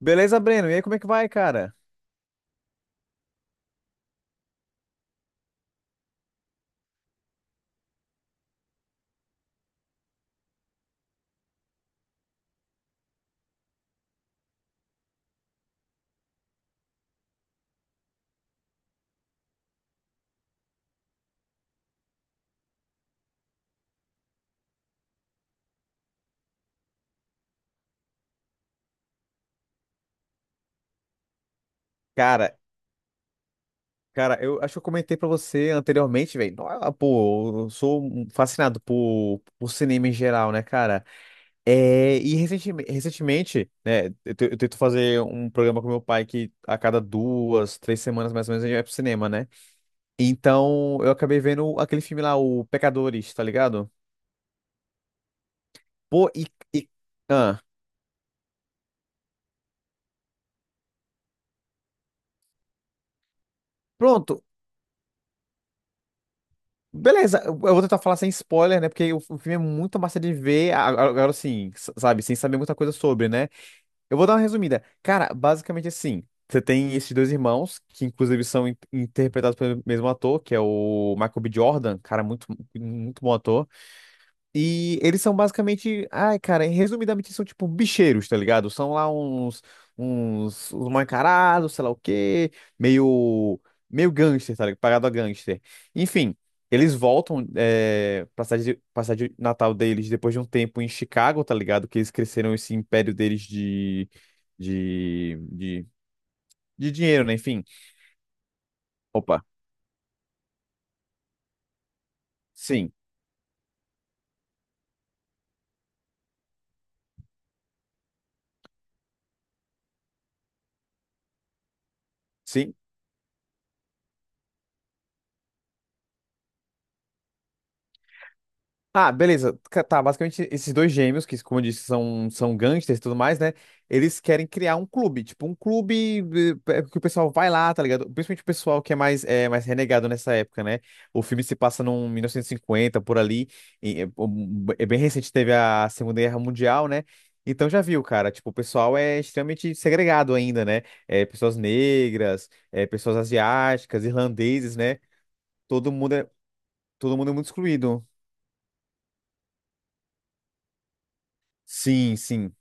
Beleza, Breno? E aí, como é que vai, cara? Cara, cara, eu acho que eu comentei pra você anteriormente, velho. Pô, eu sou um fascinado por cinema em geral, né, cara? É, e recentemente, recentemente, né, eu tento fazer um programa com meu pai que a cada duas, três semanas mais ou menos a gente vai pro cinema, né? Então, eu acabei vendo aquele filme lá, o Pecadores, tá ligado? Pô, e- ah, pronto. Beleza, eu vou tentar falar sem spoiler, né? Porque o filme é muito massa de ver, agora assim sabe, sem saber muita coisa sobre, né? Eu vou dar uma resumida. Cara, basicamente assim, você tem esses dois irmãos, que inclusive são interpretados pelo mesmo ator, que é o Michael B. Jordan, cara, muito, muito bom ator. E eles são basicamente, ai, cara, resumidamente são tipo bicheiros, tá ligado? São lá uns uns mal encarados, sei lá o quê, meio meio gangster, tá ligado? Pagado a gangster. Enfim, eles voltam pra cidade, pra cidade de natal deles depois de um tempo em Chicago, tá ligado? Que eles cresceram esse império deles de de, de dinheiro, né? Enfim. Opa. Sim. Sim, ah, beleza. Tá, basicamente esses dois gêmeos, que como eu disse, são gangsters e tudo mais, né? Eles querem criar um clube, tipo um clube que o pessoal vai lá, tá ligado? Principalmente o pessoal que é mais, mais renegado nessa época, né? O filme se passa num 1950, por ali, e, é bem recente, teve a Segunda Guerra Mundial, né? Então já viu, cara, tipo, o pessoal é extremamente segregado ainda, né? Pessoas negras, pessoas asiáticas, irlandeses, né? Todo mundo é, Todo mundo é muito excluído. Sim, sim.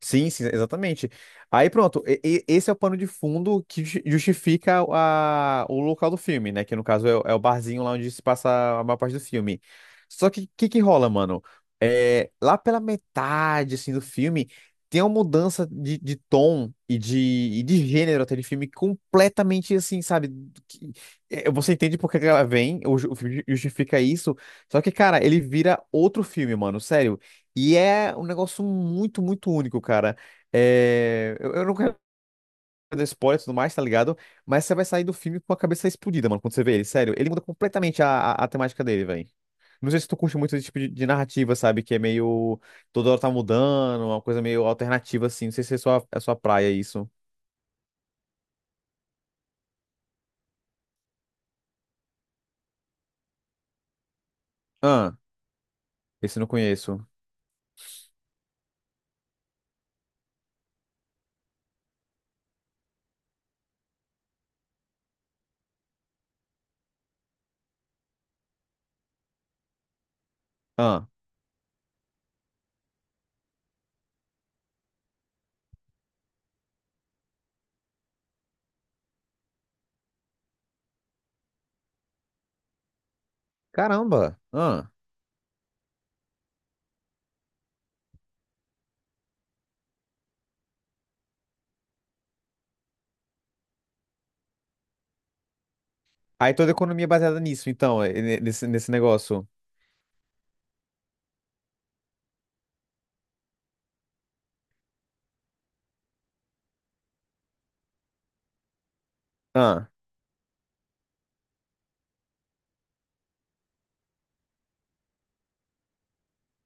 Sim, sim, exatamente. Aí pronto, esse é o pano de fundo que justifica o local do filme, né? Que no caso é o barzinho lá onde se passa a maior parte do filme. Só que o que, que rola, mano? Lá pela metade assim, do filme, tem uma mudança de tom e de gênero até de filme completamente assim, sabe? Que- você entende por que que ela vem, o filme justifica isso. Só que, cara, ele vira outro filme, mano. Sério. E é um negócio muito, muito único, cara. Eu não quero dar spoiler e tudo mais, tá ligado? Mas você vai sair do filme com a cabeça explodida, mano, quando você vê ele. Sério, ele muda completamente a temática dele, velho. Não sei se tu curte muito esse tipo de narrativa, sabe? Que é meio. Toda hora tá mudando, uma coisa meio alternativa, assim. Não sei se é sua praia isso. Ah, esse eu não conheço. Ah, caramba. Ah. Aí toda a economia é baseada nisso, então, nesse negócio.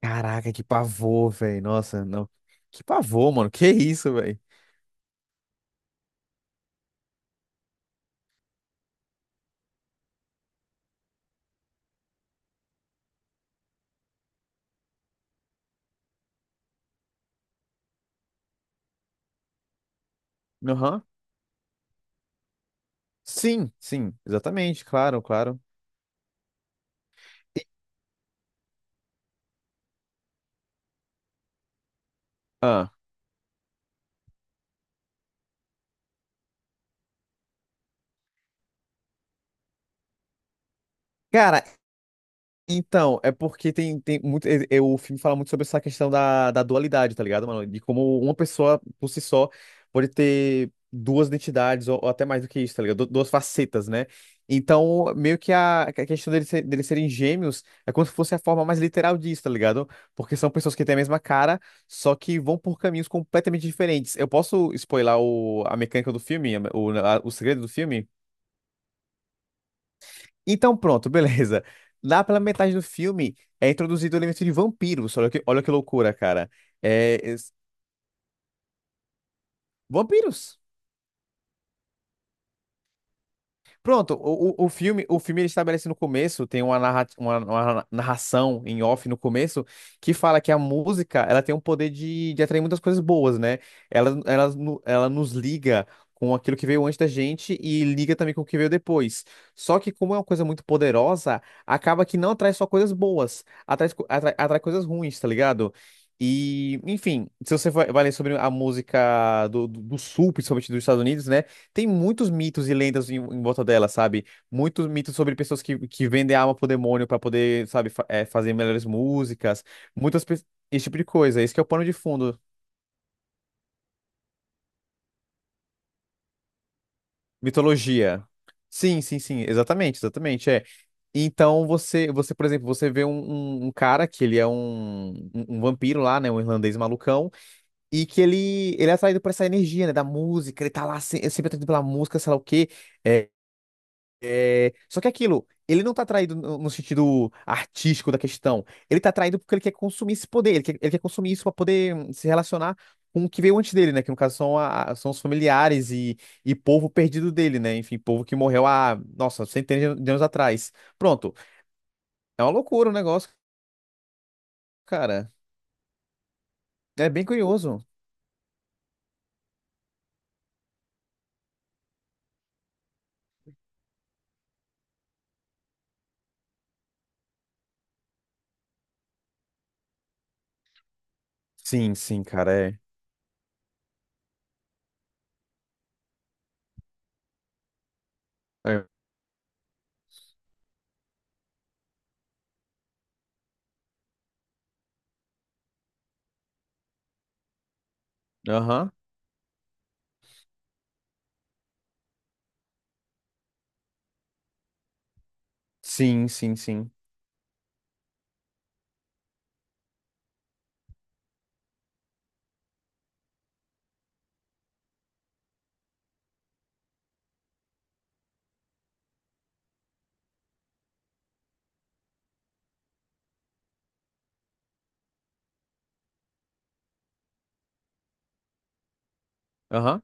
Caraca, que pavor, velho. Nossa, não. Que pavor, mano. Que isso, velho? Aham. Sim, sim, exatamente, claro, claro. Ah. Cara. Então, é porque tem muito. O filme fala muito sobre essa questão da dualidade, tá ligado, mano? De como uma pessoa, por si só, pode ter duas identidades, ou até mais do que isso, tá ligado? Duas facetas, né? Então, meio que a questão deles, deles serem gêmeos é como se fosse a forma mais literal disso, tá ligado? Porque são pessoas que têm a mesma cara, só que vão por caminhos completamente diferentes. Eu posso spoiler a mecânica do filme, o segredo do filme? Então, pronto, beleza. Lá pela metade do filme é introduzido o elemento de vampiros. Olha que loucura, cara. É, es- vampiros. Pronto, o filme ele estabelece no começo, tem uma narração em off no começo, que fala que a música, ela tem um poder de atrair muitas coisas boas, né? Ela, no- ela nos liga com aquilo que veio antes da gente e liga também com o que veio depois. Só que como é uma coisa muito poderosa, acaba que não atrai só coisas boas, atrai coisas ruins, tá ligado? E, enfim, se você vai ler sobre a música do Sul, principalmente dos Estados Unidos, né? Tem muitos mitos e lendas em volta dela, sabe? Muitos mitos sobre pessoas que vendem a alma pro demônio pra poder, sabe, fazer melhores músicas, muitas pe- esse tipo de coisa. Esse que é o pano de fundo, mitologia. Sim, sim, sim, exatamente, exatamente, é. Então você, por exemplo, você vê um cara que ele é um vampiro lá, né, um irlandês malucão, e que ele é atraído por essa energia, né, da música, ele tá lá sempre atraído pela música, sei lá o quê. É, Só que aquilo, ele não tá traído no sentido artístico da questão. Ele tá traído porque ele quer consumir esse poder, ele quer consumir isso pra poder se relacionar com o que veio antes dele, né? Que no caso são os familiares e povo perdido dele, né? Enfim, povo que morreu há, nossa, centenas de anos atrás. Pronto. É uma loucura o negócio, cara. É bem curioso. Sim, sim, cara, é. É. Aham. Sim, sim, sim. Aham.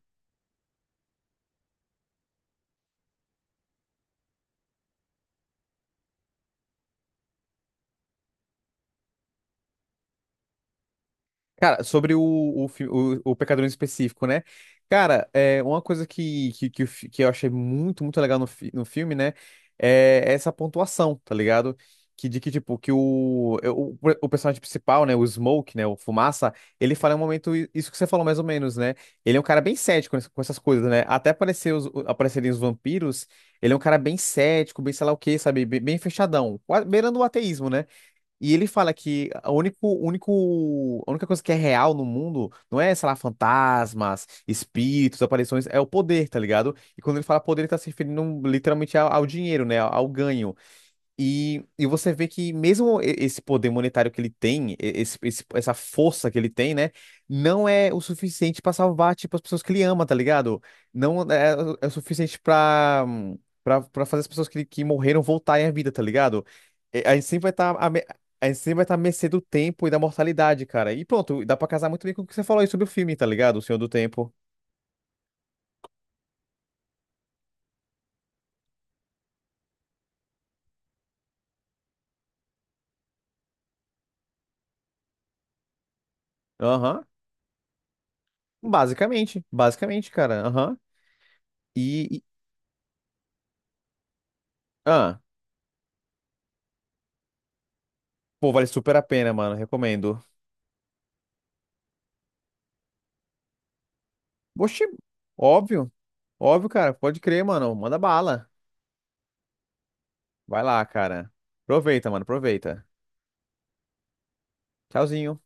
Cara, sobre o Pecador em específico, né? Cara, uma coisa que eu achei muito, muito legal no filme, né? É essa pontuação, tá ligado? Tipo, que o, é, o personagem principal, né? O Smoke, né? O Fumaça, ele fala em um momento isso que você falou mais ou menos, né? Ele é um cara bem cético com essas coisas, né? Até aparecerem os vampiros, ele é um cara bem cético, bem sei lá o quê, sabe? Bem, bem fechadão, quase beirando o ateísmo, né? E ele fala que a única coisa que é real no mundo não é, sei lá, fantasmas, espíritos, aparições, é o poder, tá ligado? E quando ele fala poder, ele tá se referindo literalmente ao dinheiro, né? Ao ganho. E você vê que mesmo esse poder monetário que ele tem, essa força que ele tem, né, não é o suficiente pra salvar, tipo, as pessoas que ele ama, tá ligado? Não é o suficiente pra para para fazer as pessoas que morreram voltarem à vida, tá ligado? E a a gente sempre vai estar à mercê do tempo e da mortalidade, cara. E pronto, dá pra casar muito bem com o que você falou aí sobre o filme, tá ligado? O Senhor do Tempo. Aham. Basicamente, basicamente, cara. Aham. E, e- ah, pô, vale super a pena, mano. Recomendo. Oxi, óbvio, óbvio, cara. Pode crer, mano. Manda bala. Vai lá, cara. Aproveita, mano, aproveita. Tchauzinho.